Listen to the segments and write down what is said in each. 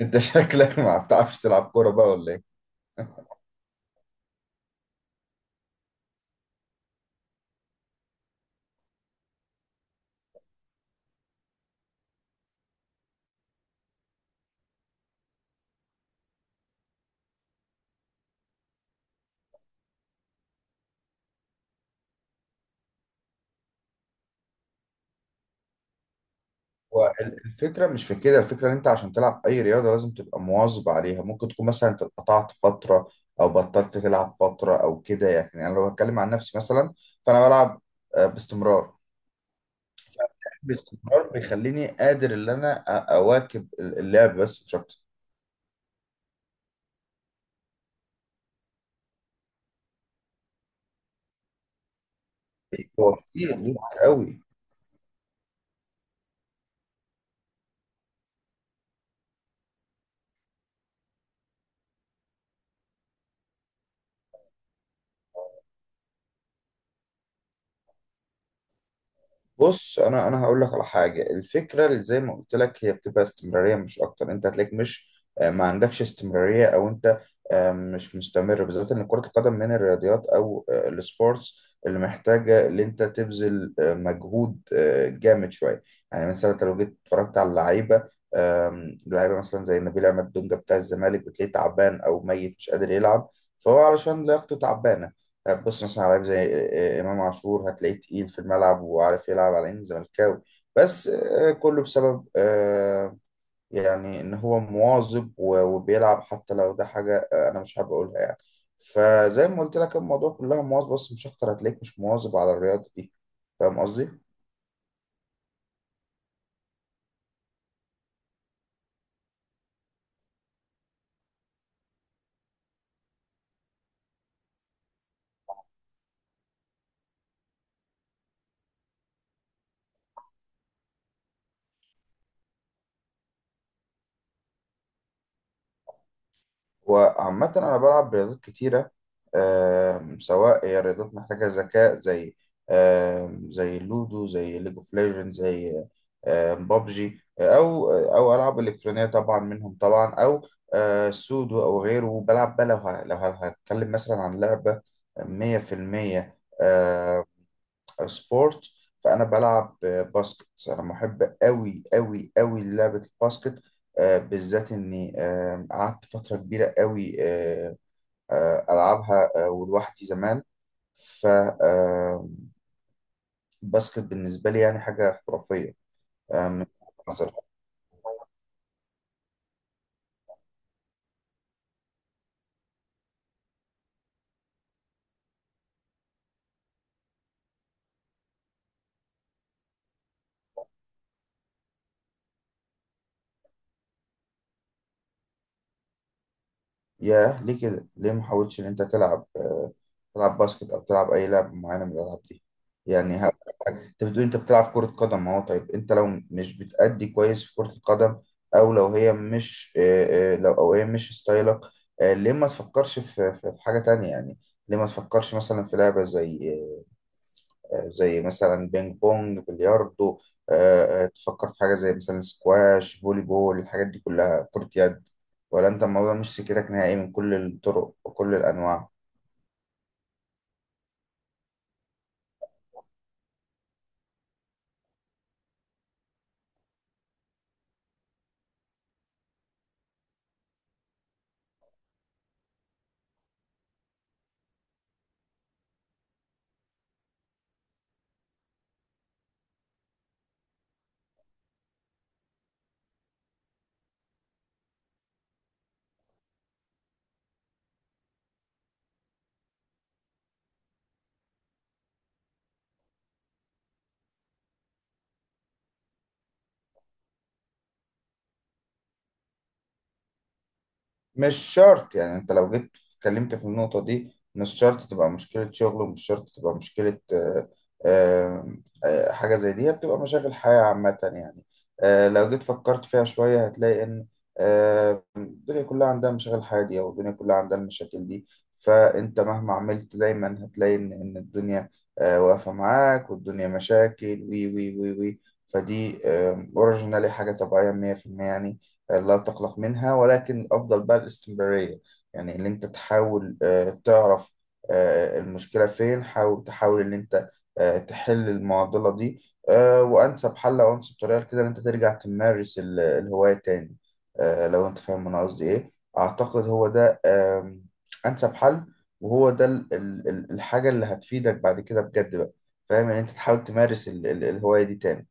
انت شكلك ما بتعرفش تلعب كورة بقى ولا ايه؟ هو الفكرة مش في كده. الفكرة ان انت عشان تلعب اي رياضة لازم تبقى مواظب عليها. ممكن تكون مثلا انت اتقطعت فترة او بطلت تلعب فترة او كده، يعني انا لو هتكلم عن نفسي مثلا فانا بلعب باستمرار. باستمرار بيخليني قادر ان انا اواكب اللعب، بس مش اكتر. هو كتير كتير قوي. بص، انا هقول لك على حاجه. الفكره اللي زي ما قلت لك، هي بتبقى استمراريه مش اكتر. انت هتلاقيك مش ما عندكش استمراريه، او انت مش مستمر، بالذات ان كره القدم من الرياضيات او السبورتس اللي محتاجه ان انت تبذل مجهود جامد شويه. يعني مثلا انت لو جيت اتفرجت على اللعيبه، لعيبه مثلا زي نبيل عماد دونجا بتاع الزمالك، بتلاقيه تعبان او ميت، مش قادر يلعب. فهو علشان لياقته تعبانه. طيب، بص مثلا على لعيب زي امام عاشور، هتلاقيه تقيل في الملعب وعارف يلعب على انه زملكاوي. بس كله بسبب يعني ان هو مواظب وبيلعب، حتى لو ده حاجه انا مش حابب اقولها يعني. فزي ما قلت لك، الموضوع كلها مواظبه بس مش اكتر. هتلاقيك مش مواظب على الرياضه دي، فاهم قصدي؟ وعامة أنا بلعب رياضات كتيرة، سواء هي رياضات محتاجة ذكاء زي، زي اللودو، زي ليج اوف ليجند، زي بابجي، أو ألعاب إلكترونية طبعا منهم طبعا، أو سودو أو غيره. بلعب بقى لو هتكلم مثلا عن لعبة مية في المية سبورت، فانا بلعب باسكت. انا محب قوي قوي قوي للعبه الباسكت، بالذات اني قعدت فتره كبيره قوي العبها ولوحدي زمان. فالباسكت بالنسبه لي يعني حاجه خرافيه، من وجهة نظري. ياه، ليه كده؟ ليه ما حاولتش ان انت تلعب، تلعب باسكت او تلعب اي لعبه معينه من الالعاب دي؟ يعني انت بتقول انت بتلعب كره قدم اهو. طيب انت لو مش بتأدي كويس في كره القدم، او لو هي مش، لو او هي مش ستايلك، ليه ما تفكرش في حاجه تانية يعني؟ ليه ما تفكرش مثلا في لعبه زي مثلا، بينج بونج، بلياردو؟ تفكر في حاجة زي مثلا سكواش، فولي بول، الحاجات دي كلها، كرة يد. ولا انت الموضوع مش سكتك نهائي من كل الطرق وكل الأنواع؟ مش شرط، يعني انت لو جيت اتكلمت في النقطة دي، مش شرط تبقى مشكلة شغل، ومش شرط تبقى مشكلة، آه، حاجة زي دي هي بتبقى مشاغل حياة عامة يعني. لو جيت فكرت فيها شوية هتلاقي إن الدنيا كلها عندها مشاغل حياة دي، أو الدنيا كلها عندها المشاكل دي. فأنت مهما عملت دايما هتلاقي إن الدنيا واقفة معاك، والدنيا مشاكل وي وي وي وي. فدي أوريجينالي حاجة طبيعية 100%، يعني لا تقلق منها، ولكن الأفضل بقى الاستمرارية. يعني إن أنت تحاول تعرف المشكلة فين. حاول إن أنت تحل المعضلة دي. وأنسب حل أو أنسب طريقة كده، إن أنت ترجع تمارس الهواية تاني، لو أنت فاهم أنا قصدي إيه. أعتقد هو ده أنسب حل. وهو ده الحاجة اللي هتفيدك بعد كده بجد بقى. فاهم، إن أنت تحاول تمارس الهواية دي تاني.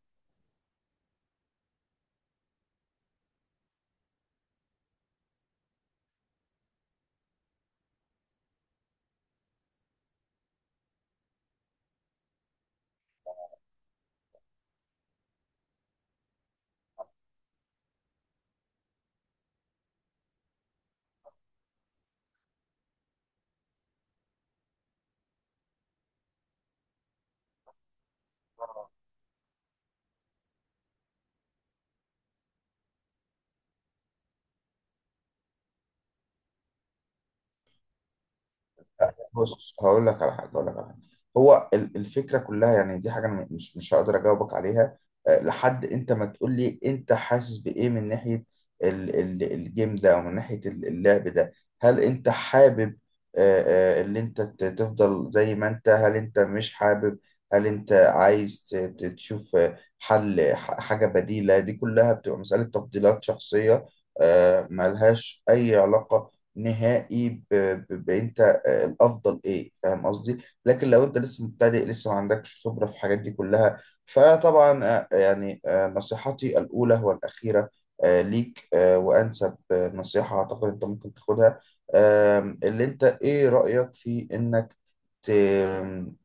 بص، هقول لك على حاجه. هو الفكره كلها يعني، دي حاجه انا مش هقدر اجاوبك عليها، لحد انت ما تقول لي انت حاسس بايه من ناحيه الجيم ده، او من ناحيه اللعب ده. هل انت حابب اللي انت تفضل زي ما انت، هل انت مش حابب، هل انت عايز تشوف حل حاجه بديله؟ دي كلها بتبقى مساله تفضيلات شخصيه، ملهاش اي علاقه نهائي بانت الافضل ايه، فاهم قصدي. لكن لو انت لسه مبتدئ، لسه ما عندكش خبره في الحاجات دي كلها، فطبعا يعني نصيحتي الاولى والاخيره، ليك وانسب نصيحه اعتقد انت ممكن تاخدها. اللي انت ايه رايك في انك ت-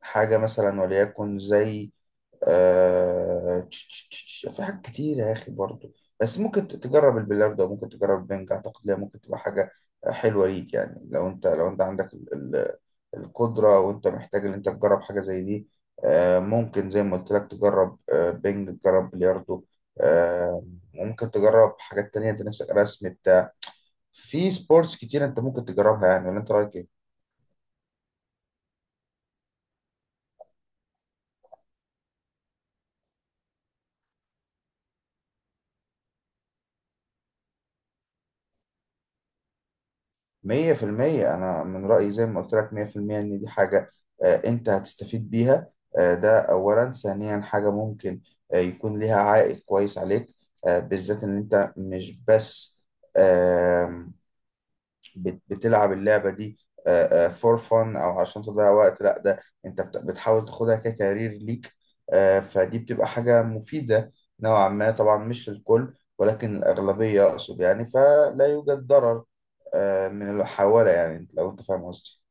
حاجه مثلا، وليكن زي، في حاجات كتير يا أخي برضو. بس ممكن تجرب البلياردو، ممكن تجرب البنج. أعتقد ليه ممكن تبقى حاجة حلوة ليك، يعني لو أنت عندك القدرة، وأنت محتاج إن أنت تجرب حاجة زي دي. ممكن زي ما قلت لك تجرب بنج، تجرب بلياردو. آه... ممكن تجرب حاجات تانية، أنت نفسك رسم بتاع. في سبورتس كتير أنت ممكن تجربها يعني، ولا أنت رأيك إيه؟ مية في المية، أنا من رأيي زي ما قلت لك، مية في المية إن دي حاجة أنت هتستفيد بيها. ده أولا. ثانيا، حاجة ممكن يكون ليها عائد كويس عليك، بالذات إن أنت مش بس آم، بتلعب اللعبة دي فور فun أو عشان تضيع وقت. لأ، ده أنت بتحاول تاخدها ككارير ليك. فدي بتبقى حاجة مفيدة نوعا ما، طبعا مش للكل ولكن الأغلبية أقصد يعني، فلا يوجد ضرر من الحوالة، يعني لو انت فاهم قصدي.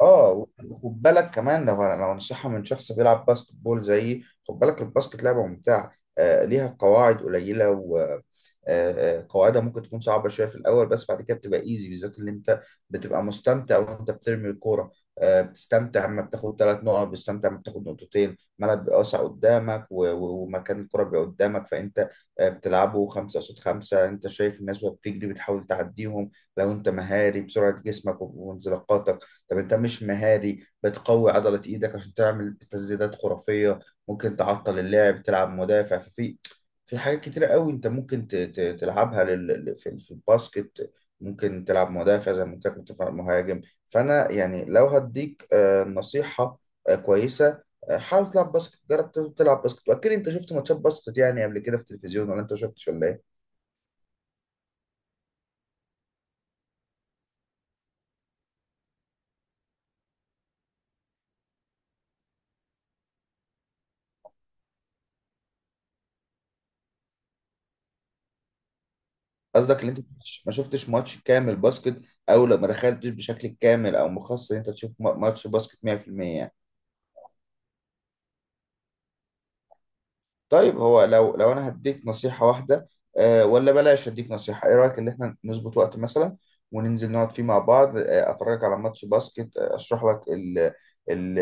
اه، خد بالك كمان، لو نصيحة من شخص بيلعب باسكت بول زيي. خد بالك الباسكت لعبة ممتعة، ليها قواعد قليلة، و قواعدها ممكن تكون صعبة شوية في الأول، بس بعد كده بتبقى ايزي، بالذات اللي انت بتبقى مستمتع وانت بترمي الكورة. بتستمتع لما بتاخد ثلاث نقط، بتستمتع لما بتاخد نقطتين، الملعب بيبقى واسع قدامك، ومكان الكرة بيبقى قدامك، فانت بتلعبه خمسة قصاد خمسة. انت شايف الناس وهي بتجري، بتحاول تعديهم لو انت مهاري بسرعة جسمك وانزلاقاتك. طب انت مش مهاري، بتقوي عضلة ايدك عشان تعمل تسديدات خرافية، ممكن تعطل اللعب تلعب مدافع. في حاجات كتيرة قوي انت ممكن تلعبها في الباسكت. ممكن تلعب مدافع، زي ما قلت لك، مدافع، مهاجم. فانا يعني لو هديك نصيحة كويسة، حاول تلعب باسكت، جرب تلعب باسكت. واكيد انت شفت ماتشات باسكت يعني قبل كده في التلفزيون، ولا انت ما شفتش ولا ايه؟ قصدك ان انت ما شفتش ماتش كامل باسكت، او لو ما دخلتش بشكل كامل او مخصص ان انت تشوف ماتش باسكت 100% يعني. طيب، هو لو انا هديك نصيحة واحدة، ولا بلاش اديك نصيحة؟ ايه رأيك ان احنا نظبط وقت مثلا، وننزل نقعد فيه مع بعض، افرجك على ماتش باسكت، اشرح لك ال ال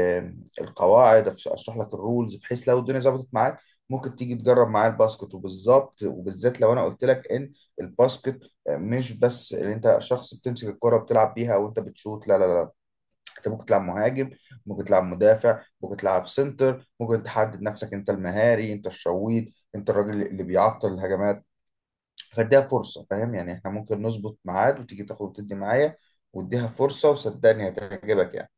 القواعد، اشرح لك الرولز، بحيث لو الدنيا ظبطت معاك ممكن تيجي تجرب معايا الباسكت. وبالظبط وبالذات لو انا قلت لك ان الباسكت مش بس ان انت شخص بتمسك الكرة بتلعب بيها وانت بتشوت، لا لا لا. انت ممكن تلعب مهاجم، ممكن تلعب مدافع، ممكن تلعب سنتر، ممكن تحدد نفسك انت المهاري، انت الشويط، انت الراجل اللي بيعطل الهجمات. فاديها فرصة، فاهم يعني؟ احنا ممكن نظبط ميعاد وتيجي تاخد وتدي معايا، واديها فرصة وصدقني هتعجبك يعني.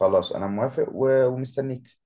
خلاص، انا موافق ومستنيك.